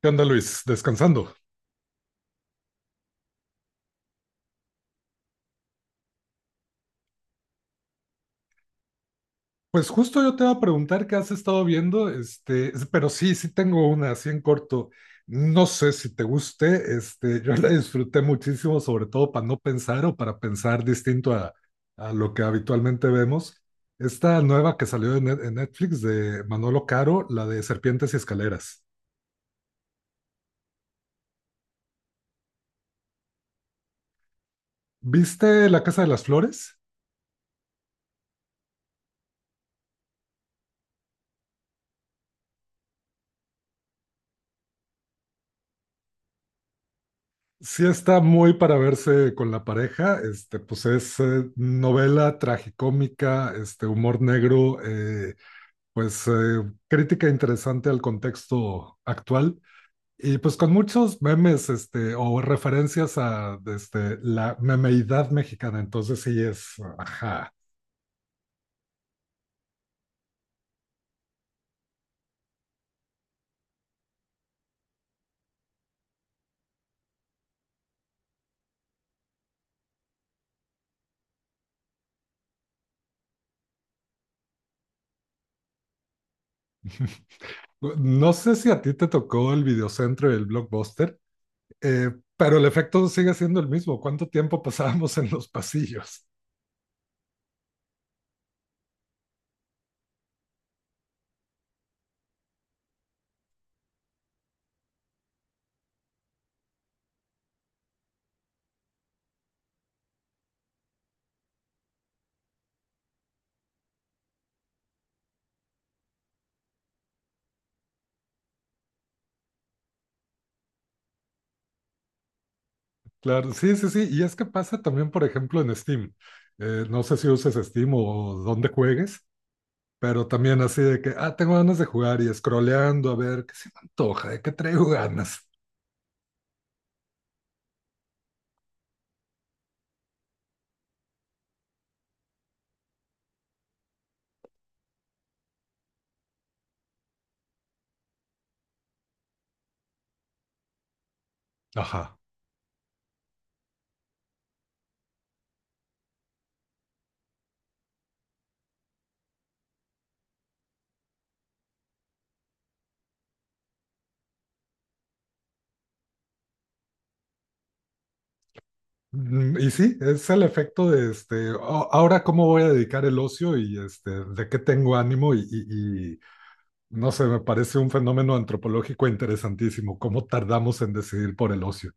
¿Qué onda, Luis? Descansando. Pues justo yo te iba a preguntar qué has estado viendo, pero sí, sí tengo una así en corto. No sé si te guste, yo la disfruté muchísimo, sobre todo para no pensar o para pensar distinto a lo que habitualmente vemos. Esta nueva que salió en Netflix de Manolo Caro, la de Serpientes y Escaleras. ¿Viste La Casa de las Flores? Sí está muy para verse con la pareja, pues es novela tragicómica, este, humor negro, pues eh, crítica interesante al contexto actual y pues con muchos memes, este, o referencias a este, la memeidad mexicana. Entonces sí es, ajá. No sé si a ti te tocó el videocentro y el blockbuster, eh, pero el efecto sigue siendo el mismo. ¿Cuánto tiempo pasábamos en los pasillos? Claro, sí, sí, sí. Y es que pasa también, por ejemplo, en Steam. No sé si uses Steam o dónde juegues, pero también así de que, ah, tengo ganas de jugar y scrolleando a ver qué se me antoja, de qué traigo ganas. Ajá. Y sí, es el efecto de este, "Oh, ahora cómo voy a dedicar el ocio y este, de qué tengo ánimo y no sé, me parece un fenómeno antropológico interesantísimo, cómo tardamos en decidir por el ocio."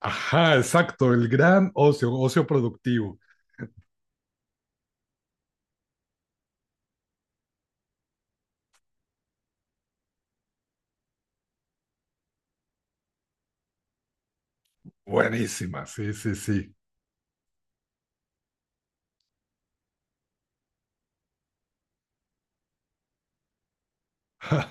Ajá, exacto, el gran ocio, ocio productivo. Buenísima, sí, sí, sí. Ja.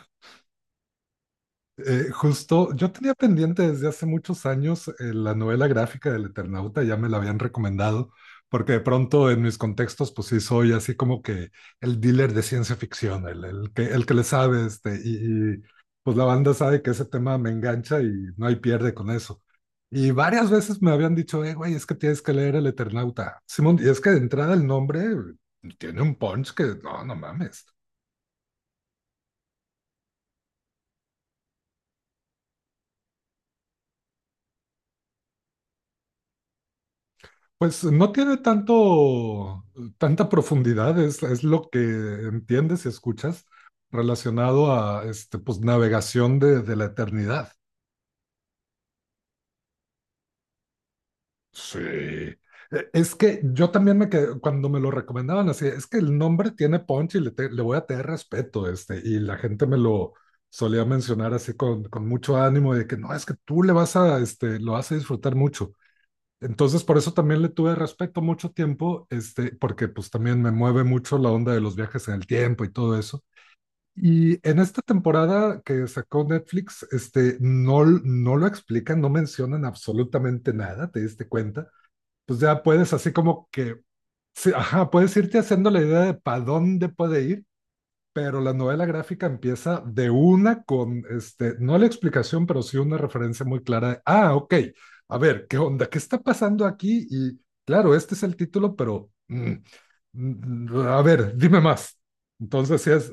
Justo, yo tenía pendiente desde hace muchos años la novela gráfica del Eternauta, ya me la habían recomendado, porque de pronto en mis contextos, pues sí, soy así como que el dealer de ciencia ficción, el que le sabe, pues la banda sabe que ese tema me engancha y no hay pierde con eso. Y varias veces me habían dicho, güey, es que tienes que leer el Eternauta. Simón, y es que de entrada el nombre tiene un punch que no, no mames. Pues no tiene tanto, tanta profundidad, es lo que entiendes y escuchas relacionado a este, pues, navegación de la eternidad. Sí. Es que yo también me quedé, cuando me lo recomendaban así, es que el nombre tiene punch y le voy a tener respeto, este, y la gente me lo solía mencionar así con mucho ánimo de que no, es que tú le vas a, este, lo vas a disfrutar mucho. Entonces, por eso también le tuve respeto mucho tiempo, este, porque pues también me mueve mucho la onda de los viajes en el tiempo y todo eso. Y en esta temporada que sacó Netflix, este, no lo explican, no mencionan absolutamente nada, ¿te diste cuenta? Pues ya puedes así como que, sí, ajá, puedes irte haciendo la idea de para dónde puede ir, pero la novela gráfica empieza de una con, este, no la explicación, pero sí una referencia muy clara de, ah, ok, a ver, ¿qué onda? ¿Qué está pasando aquí? Y claro, este es el título, pero, a ver, dime más. Entonces, sí es.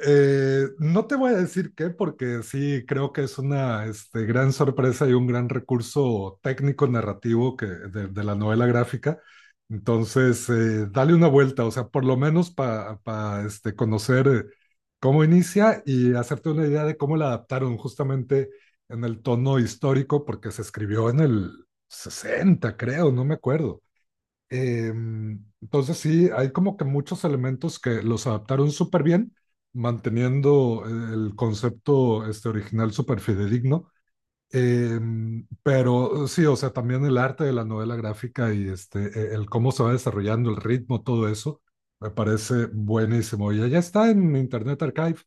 No te voy a decir qué, porque sí creo que es una, este, gran sorpresa y un gran recurso técnico narrativo de la novela gráfica. Entonces, dale una vuelta, o sea, por lo menos para este, conocer, cómo inicia y hacerte una idea de cómo la adaptaron justamente en el tono histórico, porque se escribió en el 60, creo, no me acuerdo. Entonces sí, hay como que muchos elementos que los adaptaron súper bien, manteniendo el concepto, este, original súper fidedigno. Pero sí, o sea, también el arte de la novela gráfica y este, el cómo se va desarrollando, el ritmo, todo eso, me parece buenísimo. Y ya está en Internet Archive,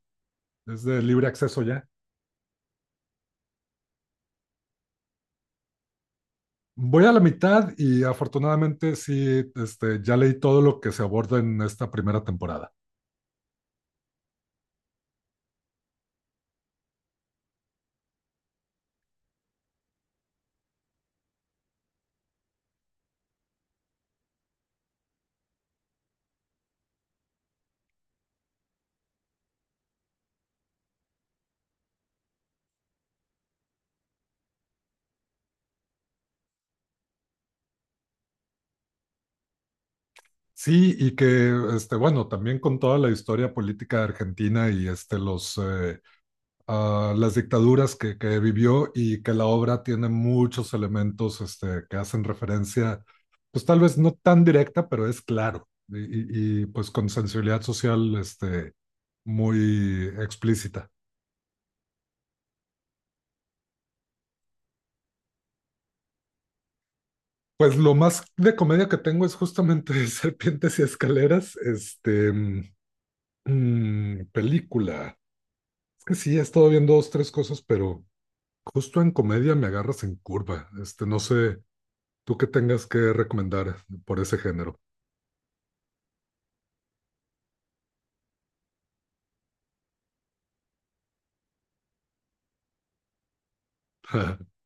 es de libre acceso ya. Voy a la mitad y afortunadamente sí, este, ya leí todo lo que se aborda en esta primera temporada. Sí, y que, este, bueno, también con toda la historia política argentina y este, las dictaduras que vivió y que la obra tiene muchos elementos, este, que hacen referencia, pues tal vez no tan directa, pero es claro, y pues con sensibilidad social este, muy explícita. Pues lo más de comedia que tengo es justamente Serpientes y Escaleras, película. Es que sí, he estado viendo dos, tres cosas, pero... Justo en comedia me agarras en curva. Este, no sé, tú qué tengas que recomendar por ese género.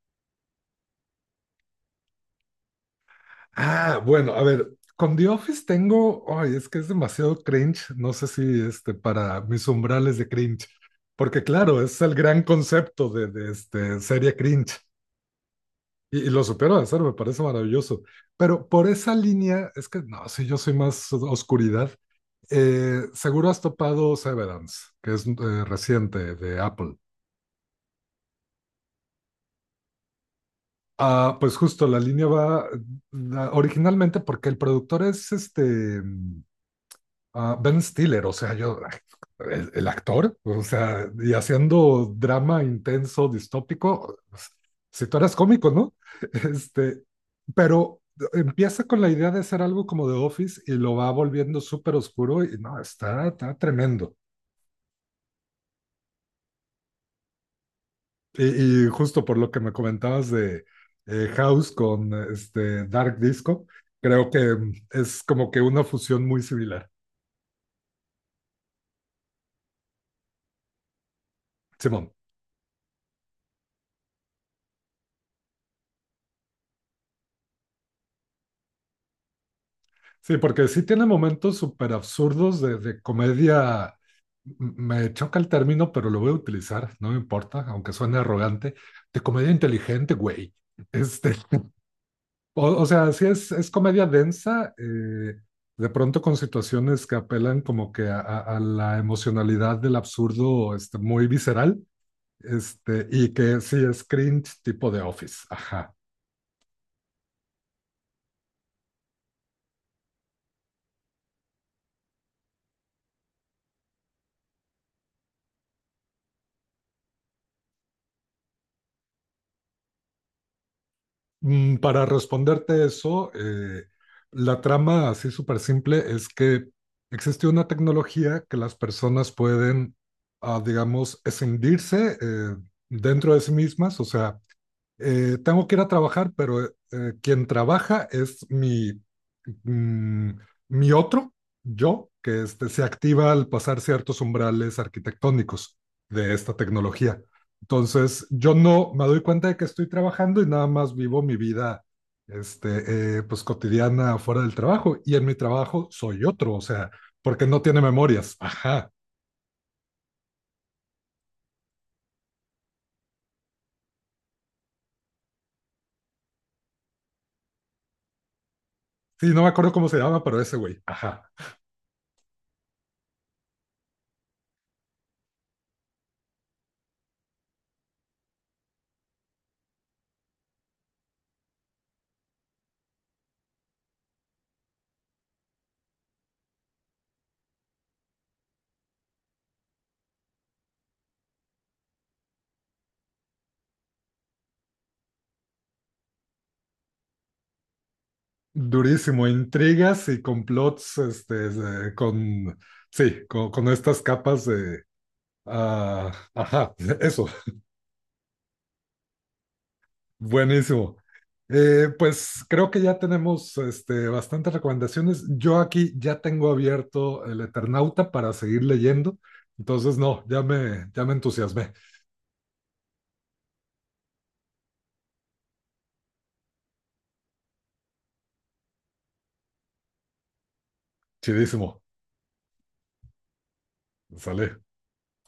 Ah, bueno, a ver, con The Office tengo, ay, es que es demasiado cringe. No sé si este para mis umbrales de cringe, porque claro, es el gran concepto de este serie cringe y lo supero de hacer, me parece maravilloso. Pero por esa línea es que no, si yo soy más oscuridad. Seguro has topado Severance, que es reciente de Apple. Ah, pues justo la línea va, ah, originalmente porque el productor es este, Ben Stiller, o sea, yo, el actor, o sea, y haciendo drama intenso, distópico, pues, si tú eras cómico, ¿no? Este, pero empieza con la idea de hacer algo como The Office y lo va volviendo súper oscuro y no, está, está tremendo. Y justo por lo que me comentabas de House con este Dark Disco, creo que es como que una fusión muy similar. Simón. Sí, porque sí tiene momentos súper absurdos de comedia. Me choca el término, pero lo voy a utilizar, no me importa, aunque suene arrogante, de comedia inteligente, güey. Este, o sea, sí es comedia densa, de pronto con situaciones que apelan como que a la emocionalidad del absurdo, este, muy visceral, este, y que sí es cringe tipo de Office. Ajá. Para responderte eso, la trama así súper simple es que existe una tecnología que las personas pueden, ah, digamos, escindirse, dentro de sí mismas, o sea, tengo que ir a trabajar, pero quien trabaja es mi, mm, mi otro yo, que este, se activa al pasar ciertos umbrales arquitectónicos de esta tecnología. Entonces, yo no me doy cuenta de que estoy trabajando y nada más vivo mi vida este, pues cotidiana fuera del trabajo. Y en mi trabajo soy otro, o sea, porque no tiene memorias. Ajá. Sí, no me acuerdo cómo se llama, pero ese güey. Ajá. Durísimo, intrigas y complots, este, con, sí, con estas capas de... ah, ajá, eso, buenísimo. Pues creo que ya tenemos, este, bastantes recomendaciones. Yo aquí ya tengo abierto el Eternauta para seguir leyendo. Entonces, no, ya me entusiasmé. Chidísimo. Sale.